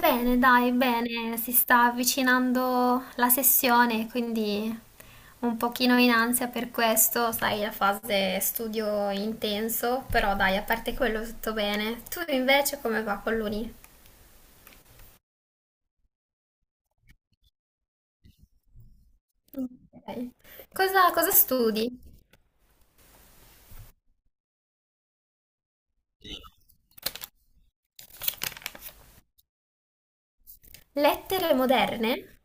Bene, dai, bene, si sta avvicinando la sessione, quindi un pochino in ansia per questo, sai, la fase studio intenso, però dai, a parte quello tutto bene. Tu invece come va con l'uni? Ok. Cosa studi? Lettere moderne?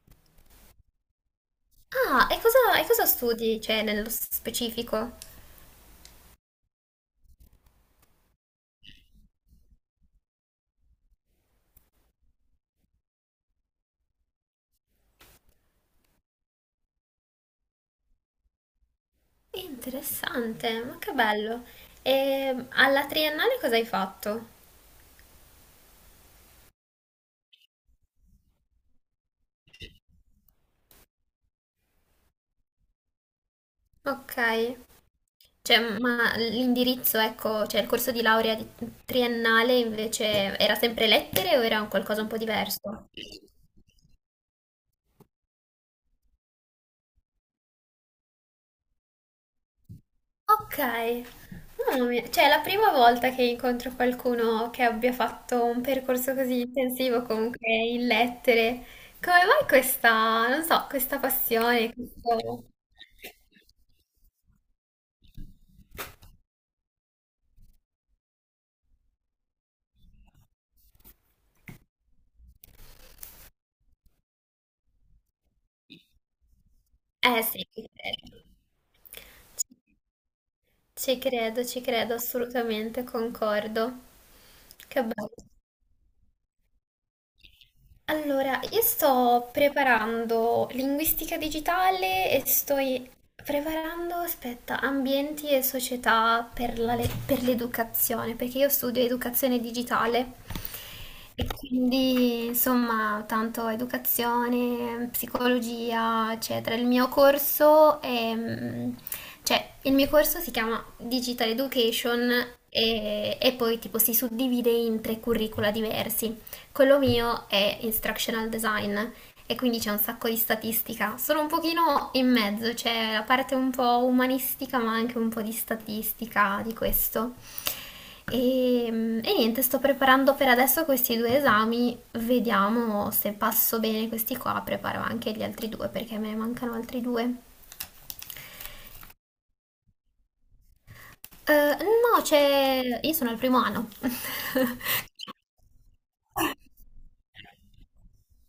Ah, e cosa studi, cioè, nello specifico? Interessante, ma che bello. E alla triennale cosa hai fatto? Ok. Cioè, ma l'indirizzo, ecco, cioè il corso di laurea triennale invece era sempre lettere o era un qualcosa un po' diverso? Ok, mamma mia, cioè è la prima volta che incontro qualcuno che abbia fatto un percorso così intensivo comunque in lettere. Come mai questa, non so, questa passione? Questo- Eh sì, ci credo, ci credo, ci credo, assolutamente concordo. Che bello. Allora, io sto preparando linguistica digitale e sto preparando, aspetta, ambienti e società per la per l'educazione, perché io studio educazione digitale e quindi insomma tanto educazione, psicologia, eccetera. Il mio corso è, cioè, il mio corso si chiama Digital Education e poi tipo si suddivide in tre curricula diversi. Quello mio è instructional design e quindi c'è un sacco di statistica. Sono un pochino in mezzo, c'è la parte un po' umanistica ma anche un po' di statistica di questo. E niente, sto preparando per adesso questi due esami, vediamo se passo bene questi qua, preparo anche gli altri due perché me ne mancano altri due. No, c'è... io sono al primo anno.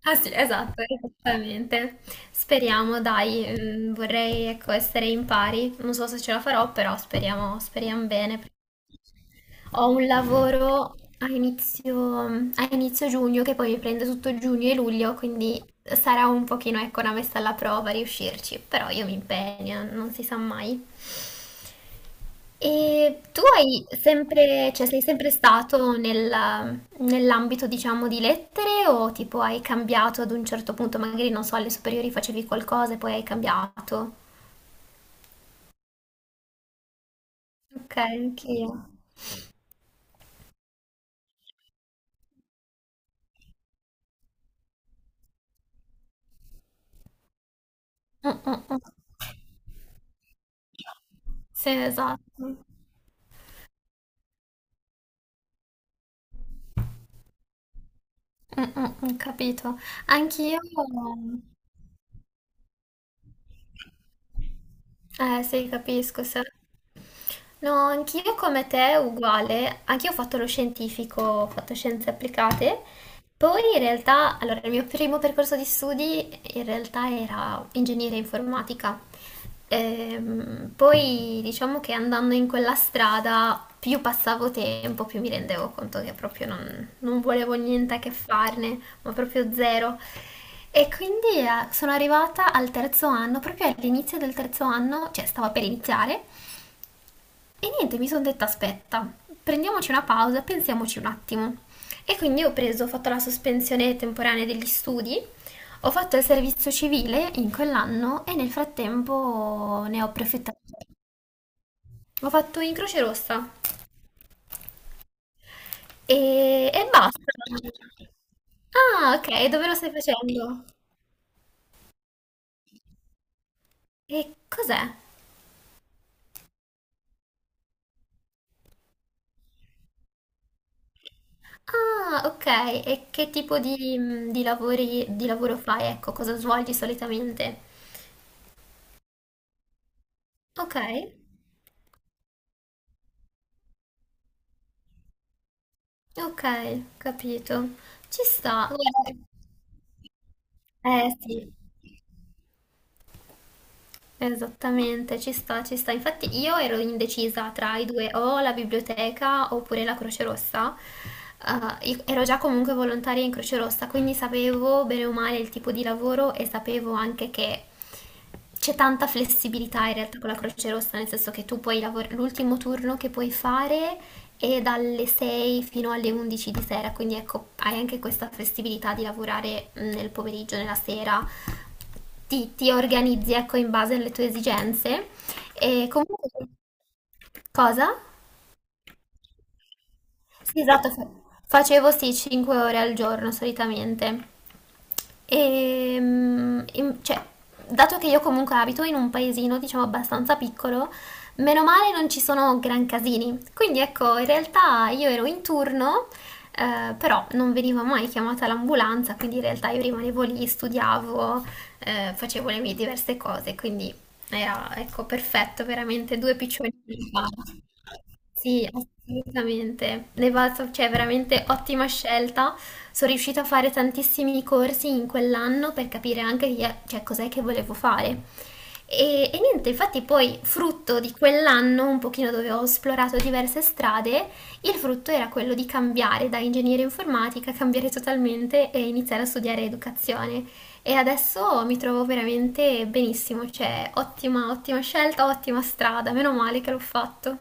Ah sì, esatto, esattamente. Speriamo, dai, vorrei ecco, essere in pari. Non so se ce la farò, però speriamo, speriamo bene. Ho un lavoro a inizio giugno che poi mi prende tutto giugno e luglio, quindi sarà un pochino, ecco, una messa alla prova riuscirci, però io mi impegno, non si sa mai. E tu hai sempre, cioè sei sempre stato nell'ambito, diciamo, di lettere o tipo hai cambiato ad un certo punto, magari non so, alle superiori facevi qualcosa e poi hai cambiato? Ok, anch'io. Mm, mm, mm. Sì, esatto. Mm, mm, mm, capito. Anch'io, eh sì, capisco. Sì. No, anch'io come te, uguale. Anch'io ho fatto lo scientifico, ho fatto scienze applicate. Poi in realtà, allora, il mio primo percorso di studi in realtà era ingegneria informatica. Poi diciamo che andando in quella strada, più passavo tempo, più mi rendevo conto che proprio non volevo niente a che farne, ma proprio zero. E quindi sono arrivata al terzo anno, proprio all'inizio del terzo anno, cioè stava per iniziare. E niente, mi sono detta aspetta, prendiamoci una pausa, pensiamoci un attimo. E quindi ho preso, ho fatto la sospensione temporanea degli studi, ho fatto il servizio civile in quell'anno e nel frattempo ne ho approfittato. Ho fatto in Croce Rossa e basta. Ah, ok, dove lo stai facendo? E cos'è? Ah, ok, e che tipo di lavori, di lavoro fai? Ecco, cosa svolgi solitamente? Ok. Ok, capito. Ci sta. Guarda- Eh sì, esattamente, ci sta, ci sta. Infatti io ero indecisa tra i due, o la biblioteca oppure la Croce Rossa. Io ero già comunque volontaria in Croce Rossa, quindi sapevo bene o male il tipo di lavoro e sapevo anche che c'è tanta flessibilità in realtà con la Croce Rossa, nel senso che tu puoi lavorare l'ultimo turno che puoi fare e dalle 6 fino alle 11 di sera, quindi ecco, hai anche questa flessibilità di lavorare nel pomeriggio, nella sera, ti organizzi ecco in base alle tue esigenze e comunque cosa? Sì, esatto, facevo sì 5 ore al giorno solitamente. E, mm, cioè, dato che io comunque abito in un paesino, diciamo, abbastanza piccolo, meno male non ci sono gran casini. Quindi ecco, in realtà io ero in turno, però non veniva mai chiamata l'ambulanza, quindi in realtà io rimanevo lì, studiavo, facevo le mie diverse cose, quindi era, ecco, perfetto, veramente due piccioni in una panna. Sì, assolutamente. Le Valsov, cioè, veramente ottima scelta. Sono riuscita a fare tantissimi corsi in quell'anno per capire anche cioè, cos'è che volevo fare. E niente, infatti poi frutto di quell'anno, un pochino dove ho esplorato diverse strade, il frutto era quello di cambiare da ingegneria informatica, cambiare totalmente e iniziare a studiare educazione. E adesso mi trovo veramente benissimo, cioè ottima, ottima scelta, ottima strada, meno male che l'ho fatto.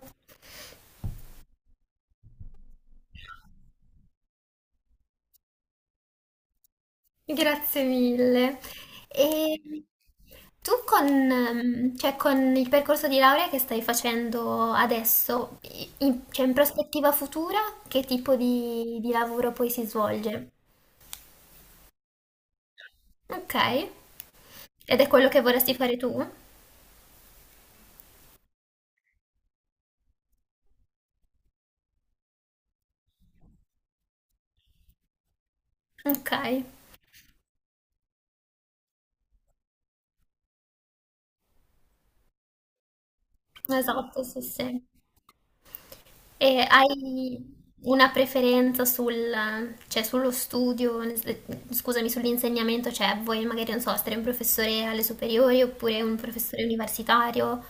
Grazie mille. E tu con, cioè con il percorso di laurea che stai facendo adesso, in, cioè in prospettiva futura, che tipo di lavoro poi si svolge? Ok. Ed è quello che vorresti fare tu? Ok, esatto, sì, sì. E hai una preferenza sul, cioè sullo studio, scusami, sull'insegnamento, cioè vuoi magari, non so, essere un professore alle superiori oppure un professore universitario?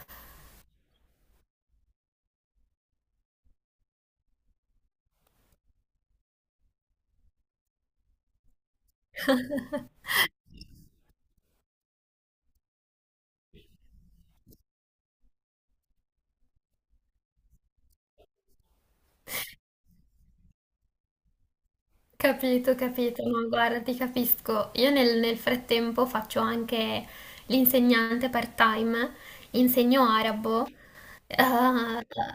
Capito, capito, no, guarda, ti capisco. Io nel frattempo faccio anche l'insegnante part-time, insegno arabo, eh,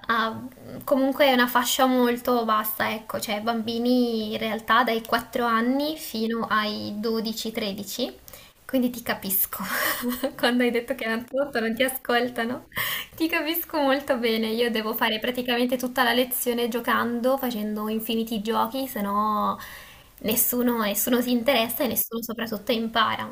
a- comunque è una fascia molto vasta, ecco, cioè bambini in realtà dai 4 anni fino ai 12-13, quindi ti capisco quando hai detto che non ti ascoltano. Ti capisco molto bene, io devo fare praticamente tutta la lezione giocando, facendo infiniti giochi, se no nessuno, nessuno si interessa e nessuno soprattutto impara.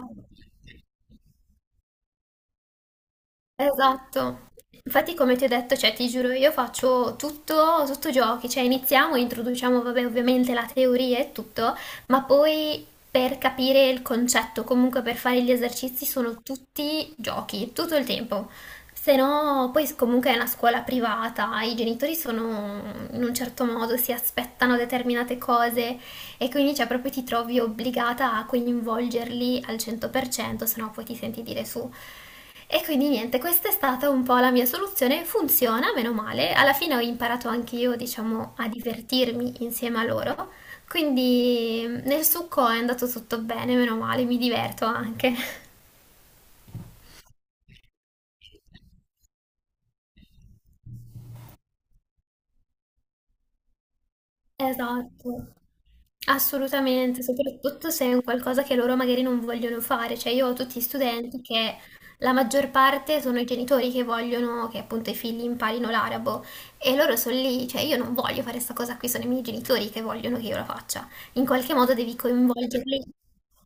Esatto. Infatti, come ti ho detto, cioè, ti giuro, io faccio tutto, tutto giochi, cioè iniziamo, introduciamo, vabbè, ovviamente la teoria e tutto, ma poi per capire il concetto, comunque per fare gli esercizi sono tutti giochi, tutto il tempo. Se no, poi comunque è una scuola privata, i genitori sono in un certo modo, si aspettano determinate cose, e quindi cioè proprio ti trovi obbligata a coinvolgerli al 100%, se no poi ti senti dire su. E quindi niente, questa è stata un po' la mia soluzione, funziona, meno male. Alla fine ho imparato anche io, diciamo, a divertirmi insieme a loro. Quindi nel succo è andato tutto bene, meno male, mi diverto anche. Esatto. Assolutamente, soprattutto se è un qualcosa che loro magari non vogliono fare, cioè io ho tutti studenti che la maggior parte sono i genitori che vogliono che appunto i figli imparino l'arabo e loro sono lì, cioè io non voglio fare questa cosa qui, sono i miei genitori che vogliono che io la faccia, in qualche modo devi coinvolgerli,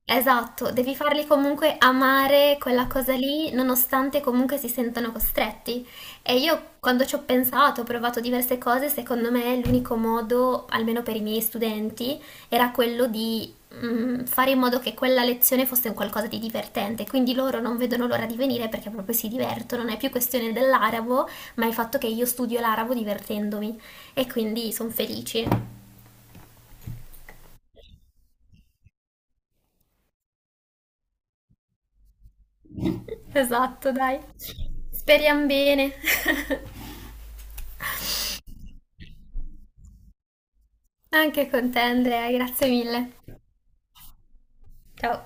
esatto, devi farli comunque amare quella cosa lì nonostante comunque si sentano costretti. E io quando ci ho pensato, ho provato diverse cose, secondo me l'unico modo, almeno per i miei studenti, era quello di fare in modo che quella lezione fosse un qualcosa di divertente, quindi loro non vedono l'ora di venire perché proprio si divertono, non è più questione dell'arabo, ma il fatto che io studio l'arabo divertendomi e quindi sono felici. Esatto, dai. Speriamo bene. Anche con te Andrea, grazie mille. Ciao.